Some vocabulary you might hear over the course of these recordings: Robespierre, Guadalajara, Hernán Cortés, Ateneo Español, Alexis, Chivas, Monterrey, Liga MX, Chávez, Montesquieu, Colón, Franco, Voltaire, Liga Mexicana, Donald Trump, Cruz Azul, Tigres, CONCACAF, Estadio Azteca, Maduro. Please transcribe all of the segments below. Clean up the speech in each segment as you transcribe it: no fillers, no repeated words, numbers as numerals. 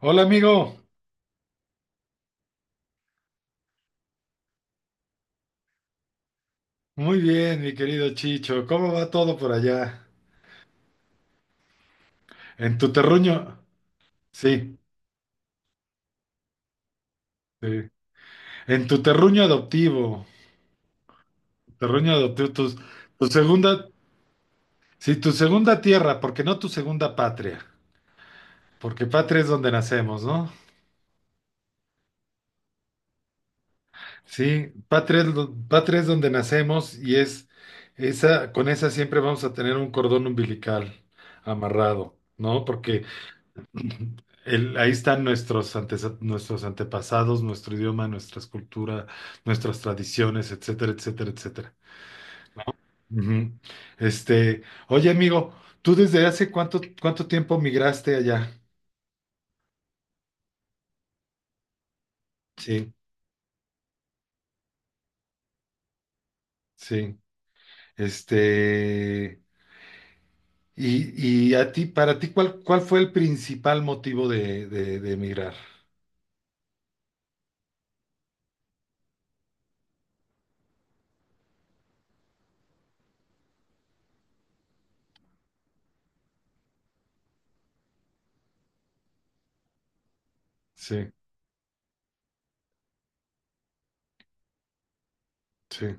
Hola amigo, muy bien mi querido Chicho, ¿cómo va todo por allá? En tu terruño, sí, sí. En tu terruño adoptivo, tu, segunda, sí, tu segunda tierra, porque no tu segunda patria, porque patria es donde nacemos, ¿no? Sí, patria es donde nacemos y es esa, con esa siempre vamos a tener un cordón umbilical amarrado, ¿no? Porque ahí están nuestros antepasados, nuestro idioma, nuestras culturas, nuestras tradiciones, etcétera, etcétera, etcétera. Ujú. Este, oye, amigo, ¿tú desde hace cuánto, tiempo migraste allá? Sí, sí. Este, y a ti, para ti, ¿cuál fue el principal motivo de emigrar? Sí, sí.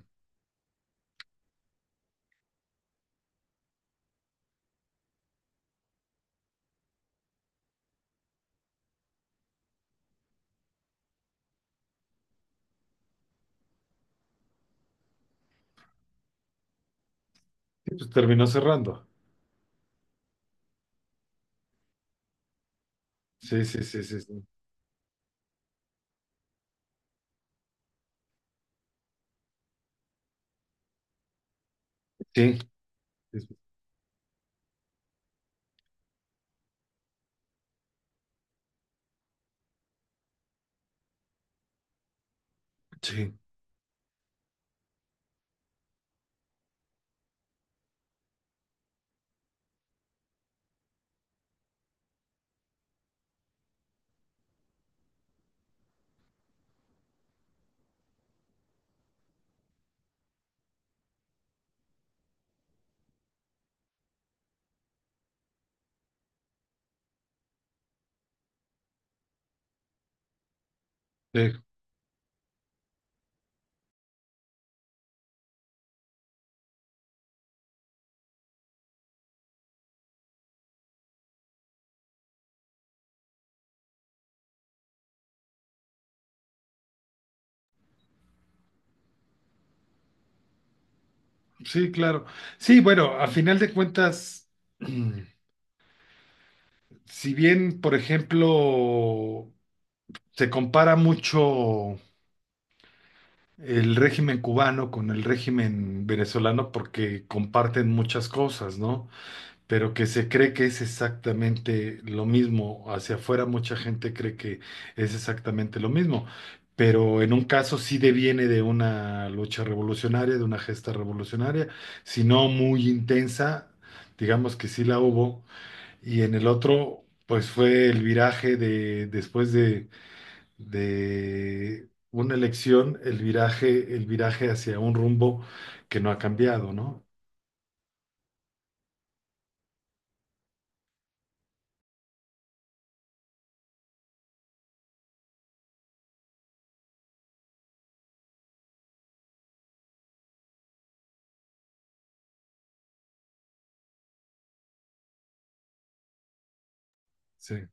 Sí, pues terminó cerrando. Sí, sí, sí, sí, sí. Sí, sí, sí. Sí. Sí, claro. Sí, bueno, a final de cuentas, mm, si bien, por ejemplo, se compara mucho el régimen cubano con el régimen venezolano porque comparten muchas cosas, ¿no? Pero que se cree que es exactamente lo mismo. Hacia afuera mucha gente cree que es exactamente lo mismo, pero en un caso sí deviene de una lucha revolucionaria, de una gesta revolucionaria, si no muy intensa, digamos que sí la hubo, y en el otro, pues fue el viraje de después de una elección, el viraje hacia un rumbo que no ha cambiado, ¿no? Sí.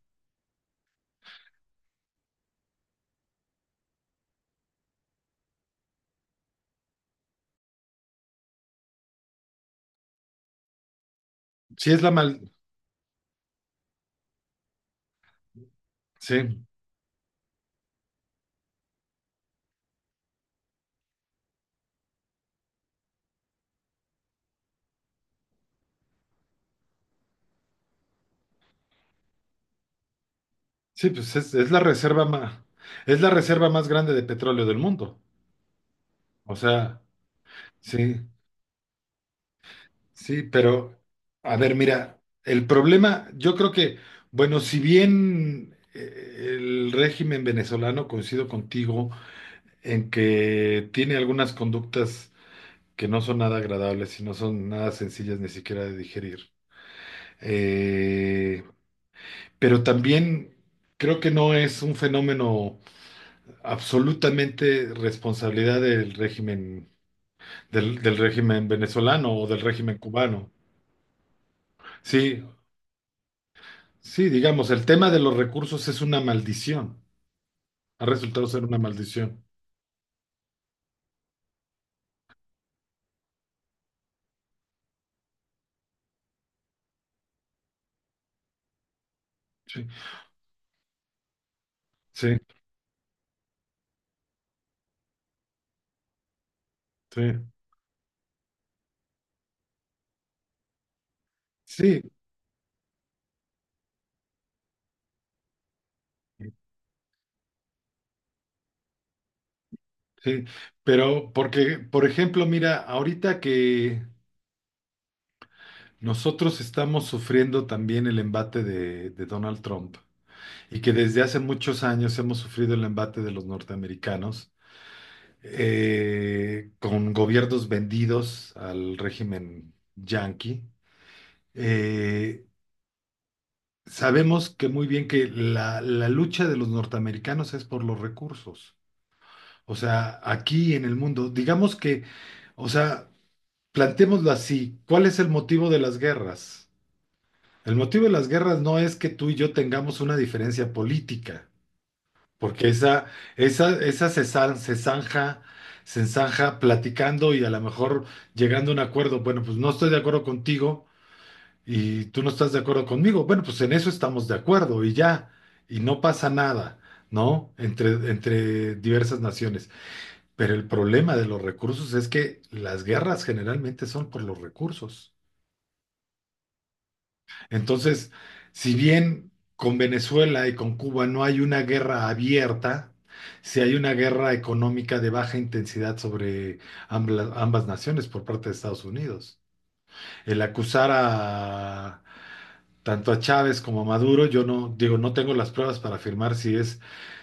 Sí es la mal, sí. Sí, pues es la reserva más grande de petróleo del mundo. O sea, sí, sí, pero a ver, mira, el problema, yo creo que, bueno, si bien el régimen venezolano, coincido contigo, en que tiene algunas conductas que no son nada agradables y no son nada sencillas ni siquiera de digerir, eh, pero también creo que no es un fenómeno, absolutamente responsabilidad del régimen, del régimen venezolano o del régimen cubano. Sí, sí, digamos, el tema de los recursos es una maldición. Ha resultado ser una maldición. Sí, sí, sí, sí, sí. Pero porque, por ejemplo, mira, ahorita que nosotros estamos sufriendo también el embate de Donald Trump y que desde hace muchos años hemos sufrido el embate de los norteamericanos. Con gobiernos vendidos al régimen yanqui. Eh, Sabemos que muy bien que la lucha de los norteamericanos es por los recursos. O sea, aquí en el mundo, digamos que, o sea, plantémoslo así, ¿cuál es el motivo de las guerras? El motivo de las guerras no es que tú y yo tengamos una diferencia política. Porque esa se zanja platicando y a lo mejor llegando a un acuerdo. Bueno, pues no estoy de acuerdo contigo y tú no estás de acuerdo conmigo. Bueno, pues en eso estamos de acuerdo y ya. Y no pasa nada, ¿no? Entre diversas naciones. Pero el problema de los recursos es que las guerras generalmente son por los recursos. Entonces, si bien con Venezuela y con Cuba no hay una guerra abierta, sí hay una guerra económica de baja intensidad sobre ambas naciones por parte de Estados Unidos el acusar a tanto a Chávez como a Maduro, yo no digo, no tengo las pruebas para afirmar si es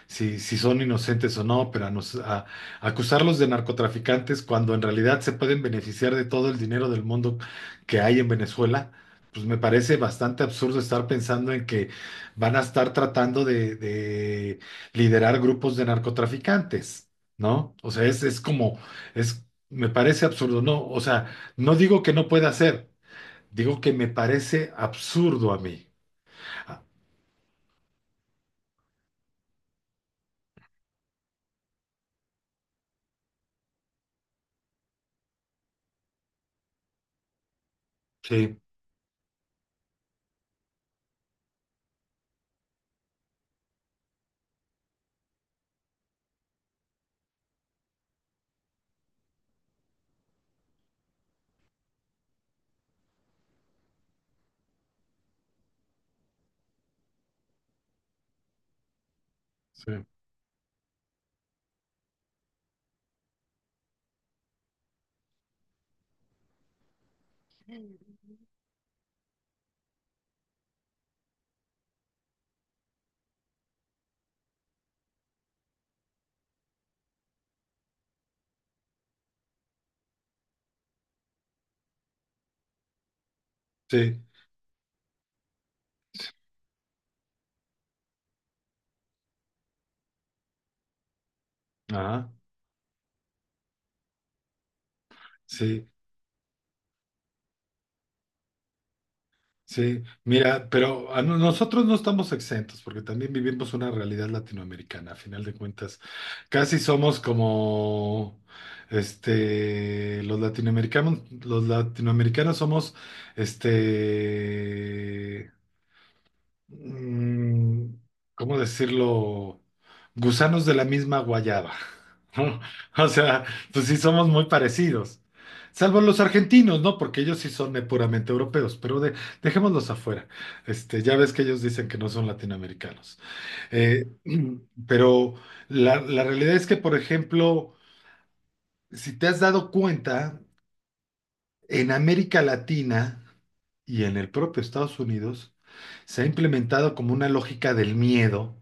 si, si son inocentes o no, pero acusarlos de narcotraficantes cuando en realidad se pueden beneficiar de todo el dinero del mundo que hay en Venezuela, pues me parece bastante absurdo estar pensando en que van a estar tratando de liderar grupos de narcotraficantes, ¿no? O sea, me parece absurdo, ¿no? O sea, no digo que no pueda ser. Digo que me parece absurdo a mí. Ah, sí, sí, sí, ajá, sí, sí. Mira, pero a no- nosotros no estamos exentos porque también vivimos una realidad latinoamericana, a final de cuentas. Casi somos como, los latinoamericanos somos, este, mm, ¿cómo decirlo? Gusanos de la misma guayaba. ¿No? O sea, pues sí somos muy parecidos. Salvo los argentinos, ¿no? Porque ellos sí son puramente europeos, pero dejémoslos afuera. Ya ves que ellos dicen que no son latinoamericanos. Eh, pero la realidad es que, por ejemplo, si te has dado cuenta, en América Latina y en el propio Estados Unidos, se ha implementado como una lógica del miedo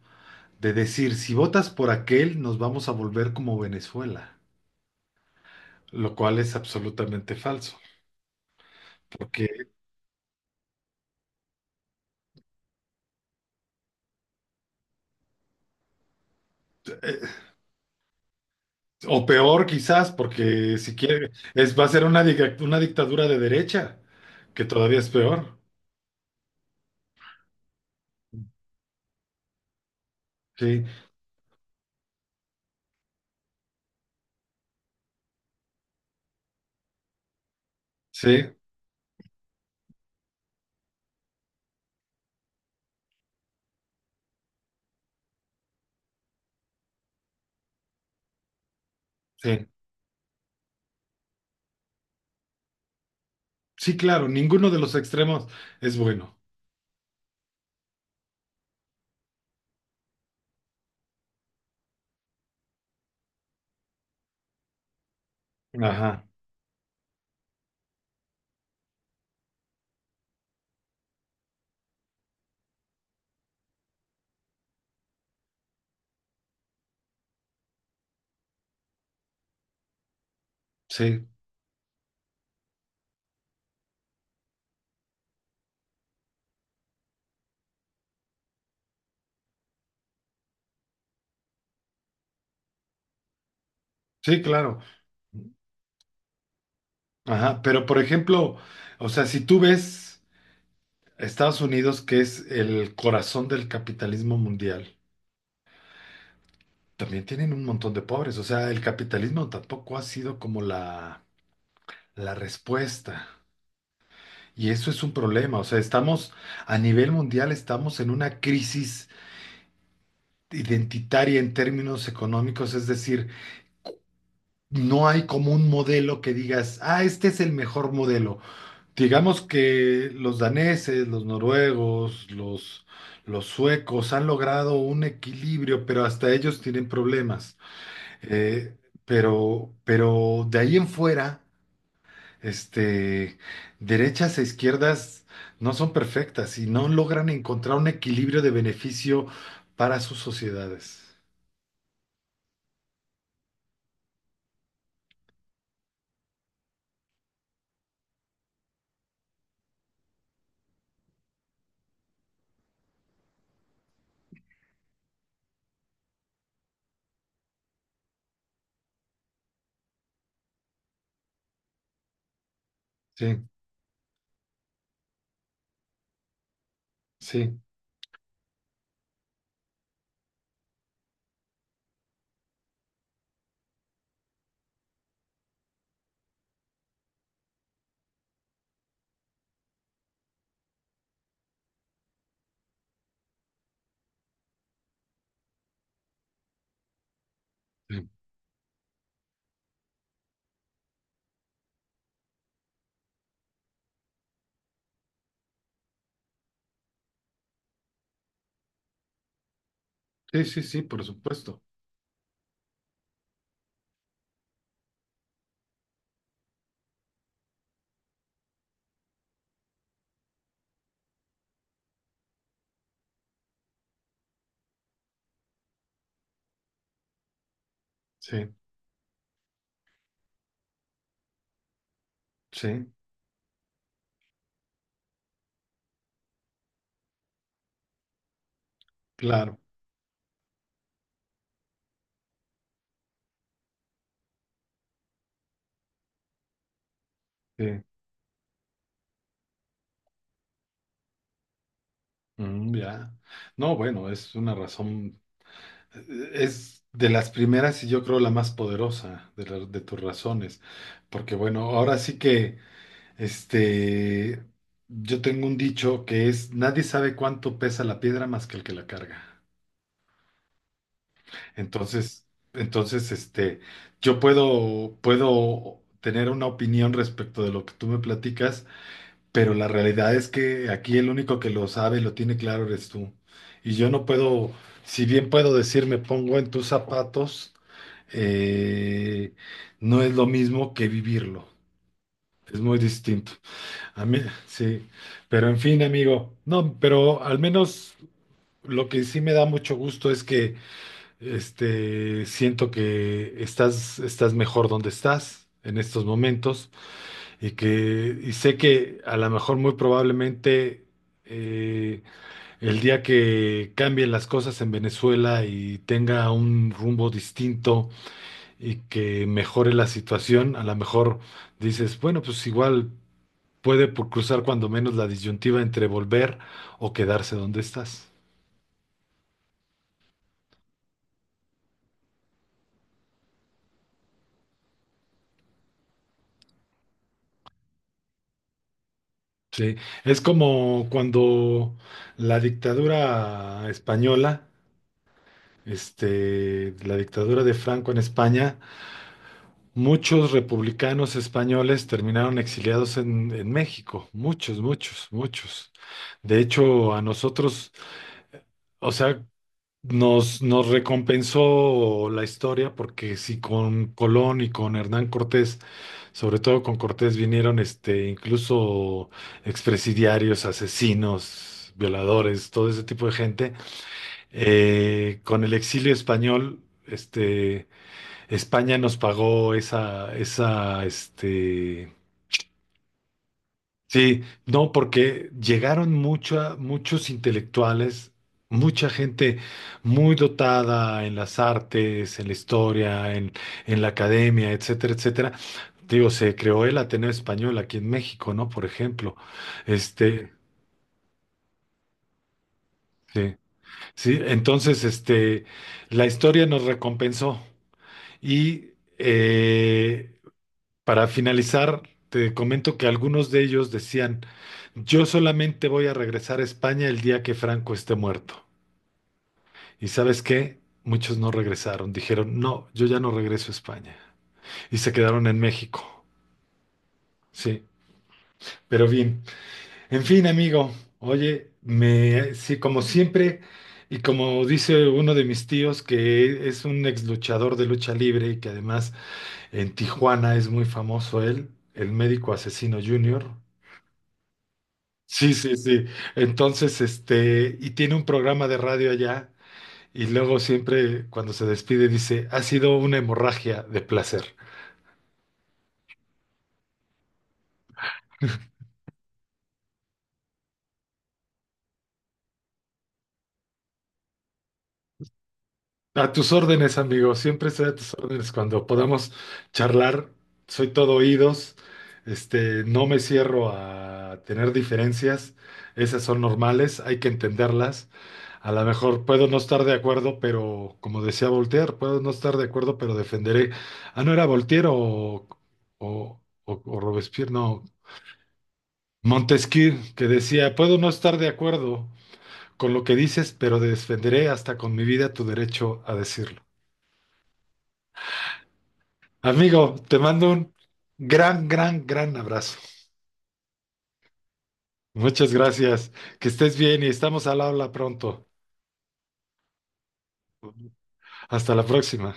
de decir, si votas por aquel, nos vamos a volver como Venezuela, lo cual es absolutamente falso, porque, eh, o peor quizás, porque si quiere, va a ser una dictadura de derecha, que todavía es peor. Sí, sí, sí. Sí, claro, ninguno de los extremos es bueno. Ajá, sí, sí, claro. Ajá, pero por ejemplo, o sea, si tú ves Estados Unidos, que es el corazón del capitalismo mundial, también tienen un montón de pobres, o sea, el capitalismo tampoco ha sido como la respuesta. Y eso es un problema, o sea, estamos a nivel mundial, estamos en una crisis identitaria en términos económicos, es decir, no hay como un modelo que digas, ah, este es el mejor modelo. Digamos que los daneses, los noruegos, los suecos han logrado un equilibrio, pero hasta ellos tienen problemas. Eh, pero de ahí en fuera, este, derechas e izquierdas no son perfectas y no logran encontrar un equilibrio de beneficio para sus sociedades. Sí, sí, sí, sí, sí, sí, por supuesto. Sí, sí, claro. Sí. Mm, ya. No, bueno, es una razón, es de las primeras y yo creo la más poderosa de, de tus razones, porque bueno, ahora sí que... Este, yo tengo un dicho que es, nadie sabe cuánto pesa la piedra más que el que la carga. Entonces, entonces, este, yo puedo tener una opinión respecto de lo que tú me platicas, pero la realidad es que aquí el único que lo sabe y lo tiene claro eres tú. Y yo no puedo, si bien puedo decir, me pongo en tus zapatos, eh, no es lo mismo que vivirlo. Es muy distinto. A mí, sí, pero en fin, amigo, no, pero al menos lo que sí me da mucho gusto es que siento que estás mejor donde estás en estos momentos y sé que a lo mejor muy probablemente eh, el día que cambien las cosas en Venezuela y tenga un rumbo distinto y que mejore la situación, a lo mejor dices, bueno, pues igual puede por cruzar cuando menos la disyuntiva entre volver o quedarse donde estás. Sí, es como cuando la dictadura española, la dictadura de Franco en España, muchos republicanos españoles terminaron exiliados en México, muchos, muchos, muchos. De hecho, a nosotros, o sea, nos recompensó la historia porque si con Colón y con Hernán Cortés. Sobre todo con Cortés vinieron incluso expresidiarios, asesinos, violadores, todo ese tipo de gente. Con el exilio español, España nos pagó esa, sí, no, porque llegaron muchos intelectuales, mucha gente muy dotada en las artes, en la historia, en la academia, etcétera, etcétera. Digo, se creó el Ateneo Español aquí en México, ¿no? Por ejemplo, este, sí, sí, entonces, la historia nos recompensó. Y eh, para finalizar, te comento que algunos de ellos decían, yo solamente voy a regresar a España el día que Franco esté muerto. ¿Y sabes qué? Muchos no regresaron, dijeron, no, yo ya no regreso a España. Y se quedaron en México, sí. Pero bien. En fin, amigo, oye, sí, como siempre, y como dice uno de mis tíos, que es un ex luchador de lucha libre y que además en Tijuana es muy famoso él, el médico asesino Junior. Sí, sí, sí. Entonces, y tiene un programa de radio allá, y luego siempre cuando se despide dice, ha sido una hemorragia de placer. A tus órdenes, amigo. Siempre estoy a tus órdenes. Cuando podamos charlar, soy todo oídos. No me cierro a tener diferencias. Esas son normales, hay que entenderlas. A lo mejor puedo no estar de acuerdo, pero como decía Voltaire, puedo no estar de acuerdo, pero defenderé. Ah, no era Voltaire o Robespierre, no. Montesquieu, que decía, puedo no estar de acuerdo con lo que dices, pero defenderé hasta con mi vida tu derecho a decirlo. Amigo, te mando un gran, gran, gran abrazo. Muchas gracias. Que estés bien y estamos al habla pronto. Hasta la próxima.